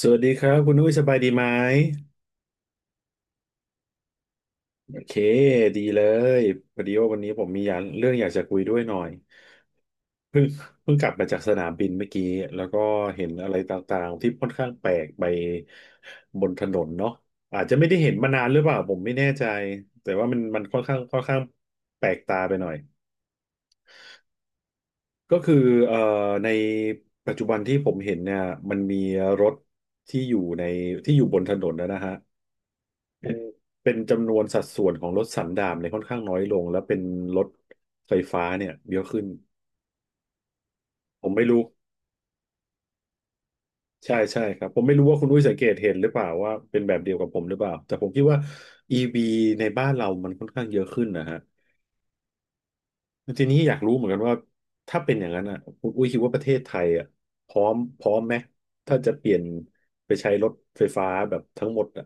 สวัสดีครับคุณอุ้ยสบายดีไหมโอเคดีเลยพอดีว่าวันนี้ผมมีอยากเรื่องอยากจะคุยด้วยหน่อยเพิ่งกลับมาจากสนามบินเมื่อกี้แล้วก็เห็นอะไรต่างๆที่ค่อนข้างแปลกไปบนถนนเนาะอาจจะไม่ได้เห็นมานานหรือเปล่าผมไม่แน่ใจแต่ว่ามันค่อนข้างแปลกตาไปหน่อยก็คือเอ่อในปัจจุบันที่ผมเห็นเนี่ยมันมีรถที่อยู่ในที่อยู่บนถนนนะฮะ เป็นเป็นจำนวนสัดส่วนของรถสันดาปเนี่ยค่อนข้างน้อยลงแล้วเป็นรถไฟฟ้าเนี่ยเยอะขึ้นผมไม่รู้ใช่ครับผมไม่รู้ว่าคุณอุ้ยสังเกตเห็นหรือเปล่าว่าเป็นแบบเดียวกับผมหรือเปล่าแต่ผมคิดว่า EV ในบ้านเรามันค่อนข้างเยอะขึ้นนะฮะทีนี้อยากรู้เหมือนกันว่าถ้าเป็นอย่างนั้นอ่ะคุณอุ้ยคิดว่าประเทศไทยอ่ะพร้อมไหมถ้าจะเปลี่ยนไปใช้รถไฟฟ้าแบบทั้งหมดอ่ะ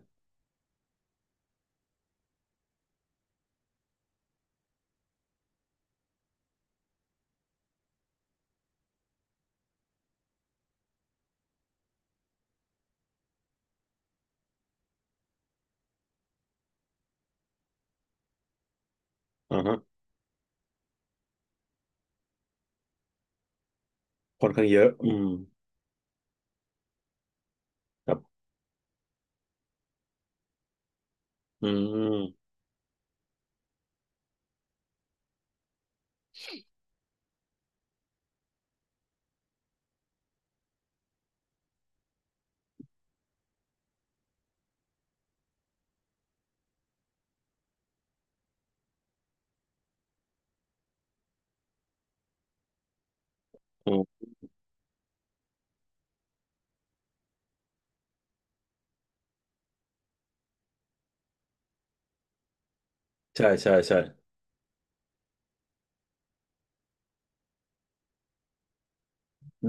อ่าฮะค่อนข้างเยอะอืมครับอืมอืมใช่ใช่ใช่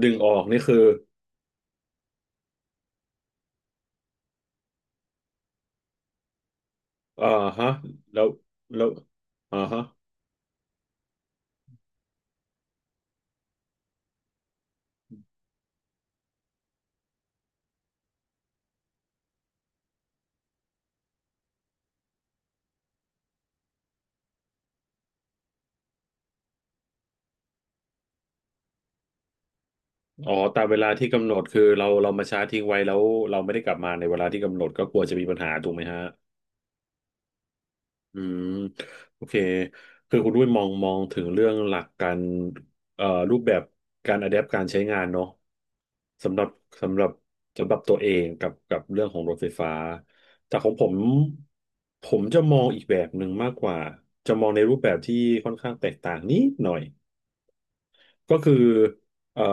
ดึงออกนี่คืออ่าฮะแล้วแล้วอ่าฮะอ๋อตามเวลาที่กำหนดคือเรามาชาร์จทิ้งไว้แล้วเราไม่ได้กลับมาในเวลาที่กำหนดก็กลัวจะมีปัญหาถูกไหมฮะอืมโอเคคือคุณด้วยมองถึงเรื่องหลักการรูปแบบการอะแดปการใช้งานเนาะสำหรับสำหรับตัวเองกับเรื่องของรถไฟฟ้าแต่ของผมผมจะมองอีกแบบหนึ่งมากกว่าจะมองในรูปแบบที่ค่อนข้างแตกต่างนิดหน่อย ก็คือเอ่อ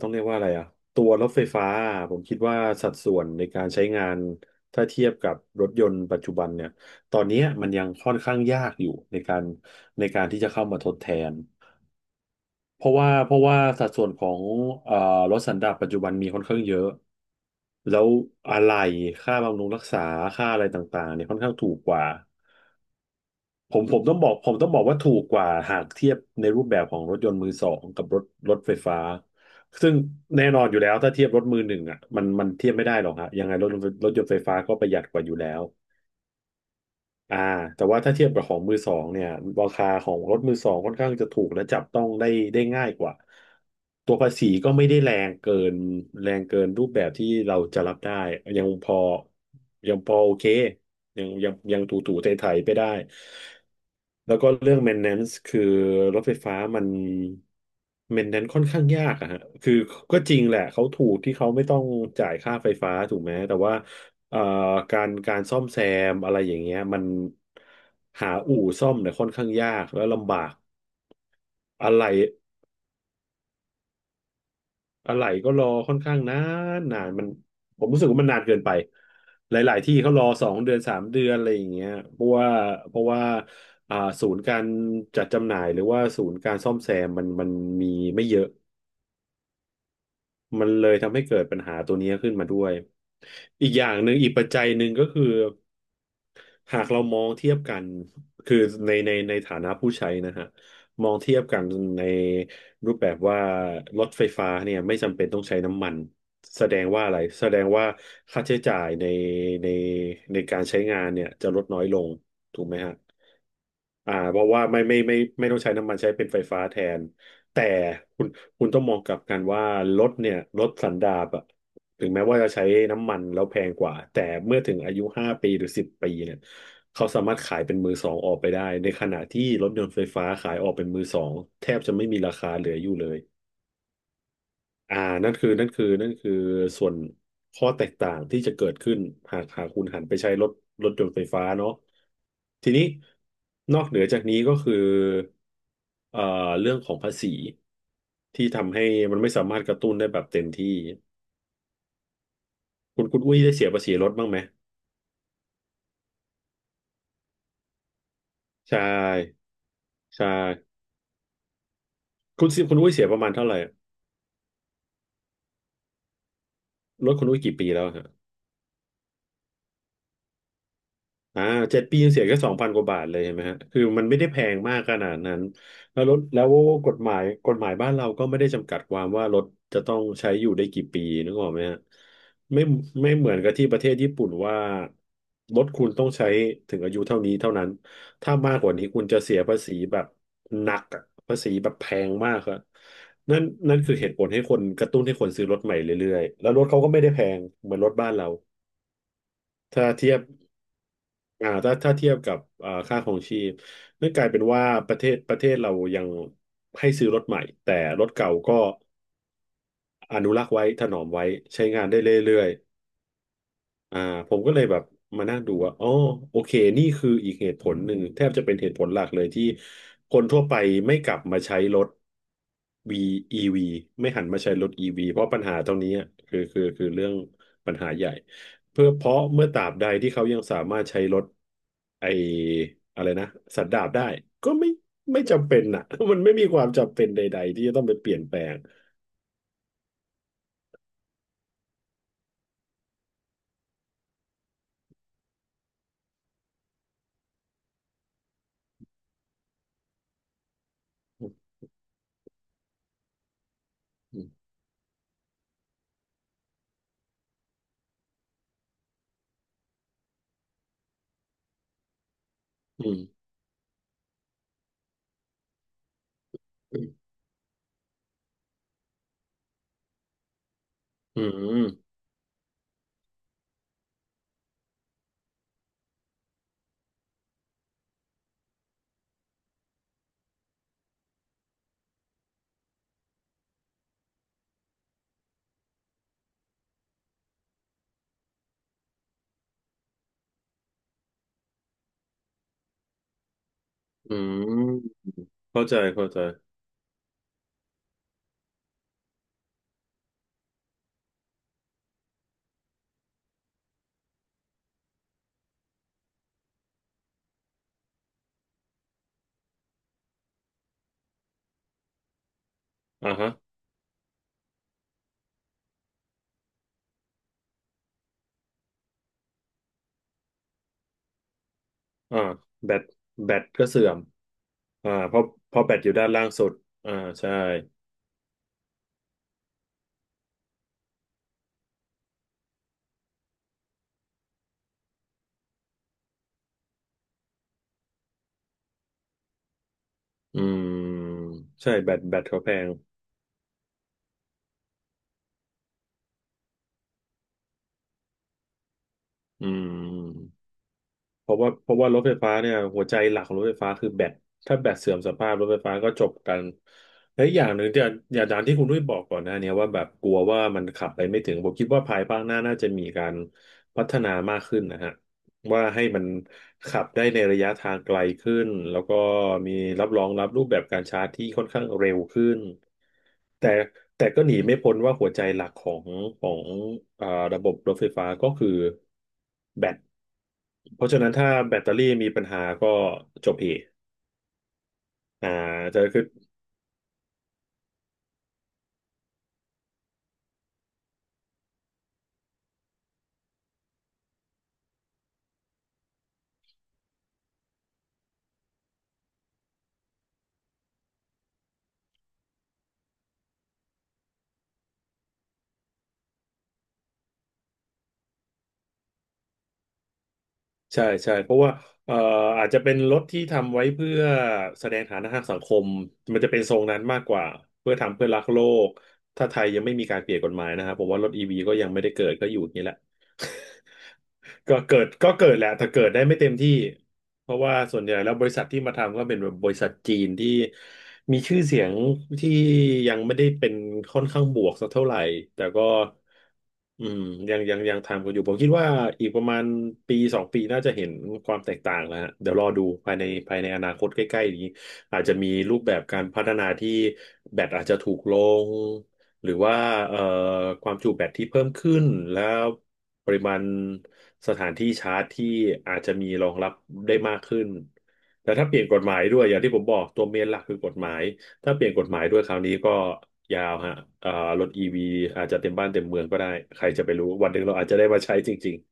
ต้องเรียกว่าอะไรอ่ะตัวรถไฟฟ้าผมคิดว่าสัดส่วนในการใช้งานถ้าเทียบกับรถยนต์ปัจจุบันเนี่ยตอนเนี้ยมันยังค่อนข้างยากอยู่ในการที่จะเข้ามาทดแทนเพราะว่าสัดส่วนของเอ่อรถสันดาปปัจจุบันมีค่อนข้างเยอะ แล้วอะไหล่ค่าบำรุงรักษา ค่าอะไรต่างๆเนี่ยค่อนข้างถูกกว่า ผมต้องบอกว่าถูกกว่าหากเทียบในรูปแบบของรถยนต์มือสองกับรถรถไฟฟ้าซึ่งแน่นอนอยู่แล้วถ้าเทียบรถมือหนึ่งอ่ะมันเทียบไม่ได้หรอกฮะยังไงรถรถยนต์ไฟฟ้าก็ประหยัดกว่าอยู่แล้ว อ่าแต่ว่าถ้าเทียบกับของมือสองเนี่ยราคาของรถมือสองค่อนข้างจะถูกและจับต้องได้ได้ง่ายกว่าตัวภาษีก็ไม่ได้แรงเกินรูปแบบที่เราจะรับได้ยังพอโอเคยังถูไถไปได้แล้วก็เรื่อง maintenance คือรถไฟฟ้ามัน maintenance ค่อนข้างยากอะฮะคือก็จริงแหละเขาถูกที่เขาไม่ต้องจ่ายค่าไฟฟ้าถูกไหมแต่ว่า เอ่อการซ่อมแซมอะไรอย่างเงี้ยมันหาอู่ซ่อมเนี่ยค่อนข้างยากแล้วลำบากอะไรอะไรก็รอค่อนข้างนานมันผมรู้สึกว่ามันนานเกินไปหลายๆที่เขารอ2 เดือน 3 เดือนอะไรอย่างเงี้ยเพราะว่าอ่าศูนย์การจัดจำหน่ายหรือว่าศูนย์การซ่อมแซมมันมีไม่เยอะมันเลยทำให้เกิดปัญหาตัวนี้ขึ้นมาด้วยอีกอย่างหนึ่งอีกปัจจัยหนึ่งก็คือ หากเรามองเทียบกันคือในฐานะผู้ใช้นะฮะมองเทียบกันในรูปแบบว่ารถไฟฟ้าเนี่ยไม่จำเป็นต้องใช้น้ำมันแสดงว่าอะไรแสดงว่าค่าใช้จ่ายในในการใช้งานเนี่ยจะลดน้อยลงถูกไหมฮะอ่าเพราะว่าไม่ต้องใช้น้ำมันใช้เป็นไฟฟ้าแทนแต่คุณต้องมองกลับกันว่ารถเนี่ยรถสันดาปอะ ถึงแม้ว่าจะใช้น้ำมันแล้วแพงกว่าแต่เมื่อถึงอายุ5 ปีหรือ 10 ปีเนี่ยเขาสามารถขายเป็นมือสองออกไปได้ในขณะที่รถยนต์ไฟฟ้าขายออกเป็นมือสองแทบจะไม่มีราคาเหลืออยู่เลยอ่านั่นคือส่วนข้อแตกต่างที่จะเกิดขึ้นหากคุณหันไปใช้รถรถยนต์ไฟฟ้าเนาะทีนี้นอกเหนือจากนี้ก็คือเอ่อเรื่องของภาษีที่ทำให้มันไม่สามารถกระตุ้นได้แบบเต็มที่คุณอุ้ยได้เสียภาษีรถบ้างไหม ใช่ใช่คุณซิคุณอุ้ยเสียประมาณเท่าไหร่อะรถคุณอุ้ยกี่ปีแล้วอะฮะ อ่าเจ็ดปียังเสียแค่สองพันกว่าบาทเลยเห็นไหมฮะคือมันไม่ได้แพงมากขนาดนั้นแล้วรถแล้วกฎหมายบ้านเราก็ไม่ได้จำกัดความว่ารถจะต้องใช้อยู่ได้กี่ปีนึกออกไหมฮะไม่ไม่เหมือนกับที่ประเทศญี่ปุ่นว่ารถคุณต้องใช้ถึงอายุเท่านี้เท่านั้นถ้ามากกว่านี้คุณจะเสียภาษีแบบหนักอะภาษีแบบแพงมากครับนั่นนั่นคือเหตุผลให้คนกระตุ้นให้คนซื้อรถใหม่เรื่อยๆแล้วรถเขาก็ไม่ได้แพงเหมือนรถบ้านเราถ้าเทียบ ถ้าเทียบกับค่าครองชีพนั่นกลายเป็นว่าประเทศเรายังให้ซื้อรถใหม่แต่รถเก่าก็อนุรักษ์ไว้ถนอมไว้ใช้งานได้เรื่อย อ่าผมก็เลยแบบมานั่งดูว่าอ๋อโอเคนี่คืออีกเหตุผลหนึ่งแทบจะเป็นเหตุผลหลักเลยที่คนทั่วไปไม่กลับมาใช้รถ V EV ไม่หันมาใช้รถ EV เพราะปัญหาตรงนี้อะคือเรื่องปัญหาใหญ่เพื่อเพราะเมื่อตราบใดที่เขายังสามารถใช้รถไออะไรนะสันดาปได้ก็ไม่จำเป็นอ่ะ มันไม่มีความจำเป็นใดๆที่จะต้องไปเปลี่ยนแปลงอืมอืมอืมอืมอืมเข้าใจ อ่าฮะอ่าแบตแบตก็เสื่อมอ่าเพราะแบตอยู่ด้านล่างสุดอ่าใช่อืมใช่แบตเขาแพงอืมเพราะว่ารถไฟฟ้าเนี่ยหัวใจหลักของรถไฟฟ้าคือแบตถ้าแบตเสื่อมสภาพรถไฟฟ้าก็จบกันและอีกอย่างหนึ่งที่อย่างตามที่คุณด้วยบอกก่อนหน้าเนี้ยว่าแบบกลัวว่ามันขับไปไม่ถึงผมคิดว่าภายภาคหน้าน่าจะมีการพัฒนามากขึ้นนะฮะ ว่าให้มันขับได้ในระยะทางไกลขึ้นแล้วก็มีรับรองรับรูปแบบการชาร์จที่ค่อนข้างเร็วขึ้นแต่แต่ก็หนีไม่พ้นว่าหัวใจหลักของของอ่าระบบรถไฟฟ้าก็คือแบตเพราะฉะนั้นถ้าแบตเตอรี่มีปัญหาก็จบเหตุอ่าจะคือ ใช่เพราะว่าเอ่ออาจจะเป็นรถที่ทำไว้เพื่อแสดงฐานะทางสังคมมันจะเป็นทรงนั้นมากกว่าเพื่อทำเพื่อรักโลกถ้าไทยยังไม่มีการเปลี่ยนกฎหมายนะครับผมว่ารถอีวีก็ยังไม่ได้เกิดก็อยู่อย่างนี้แหละ ก็เกิดแหละแต่เกิดได้ไม่เต็มที่เพราะว่าส่วนใหญ่แล้วบริษัทที่มาทำก็เป็นแบบบริษัทจีนที่มีชื่อเสียงที่ยังไม่ได้เป็นค่อนข้างบวกสักเท่าไหร่แต่ก็อืมยังทำกันอยู่ผมคิดว่าอีกประมาณปีสองปีน่าจะเห็นความแตกต่างแล้วฮะเดี๋ยวรอดูภายในอนาคตใกล้ๆนี้อาจจะมีรูปแบบการพัฒนาที่แบตอาจจะถูกลง หรือว่าเอ่อความจุแบตที่เพิ่มขึ้นแล้วปริมาณสถานที่ชาร์จที่อาจจะมีรองรับได้มากขึ้นแต่ถ้าเปลี่ยนกฎหมายด้วยอย่างที่ผมบอกตัวเมนหลักคือกฎหมายถ้าเปลี่ยนกฎหมายด้วยคราวนี้ก็ยาวฮะเอ่อรถอีวีอาจจะเต็มบ้านเต็มเมืองก็ได้ใครจะไปรู้วันหนึ่งเราอาจจะได้มาใช้จริงๆ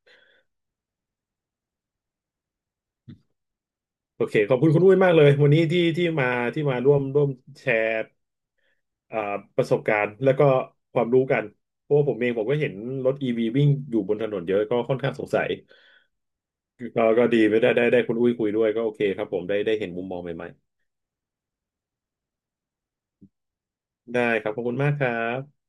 โอเคขอบคุณคุณอุ้ยมากเลยวันนี้ที่มาที่มาร่วมแชร์ อ่าประสบการณ์แล้วก็ความรู้กันเพราะว่าผมเองผมก็เห็นรถอีวีวิ่งอยู่บนถนนเยอะก็ค่อนข้างสงสัยก็ดีไม่ได้ได้ได้คุณอุ้ยคุยด้วยก็โอเคครับผมได้เห็นมุมมองใหม่ๆได้ครับขอบคุณมากครับ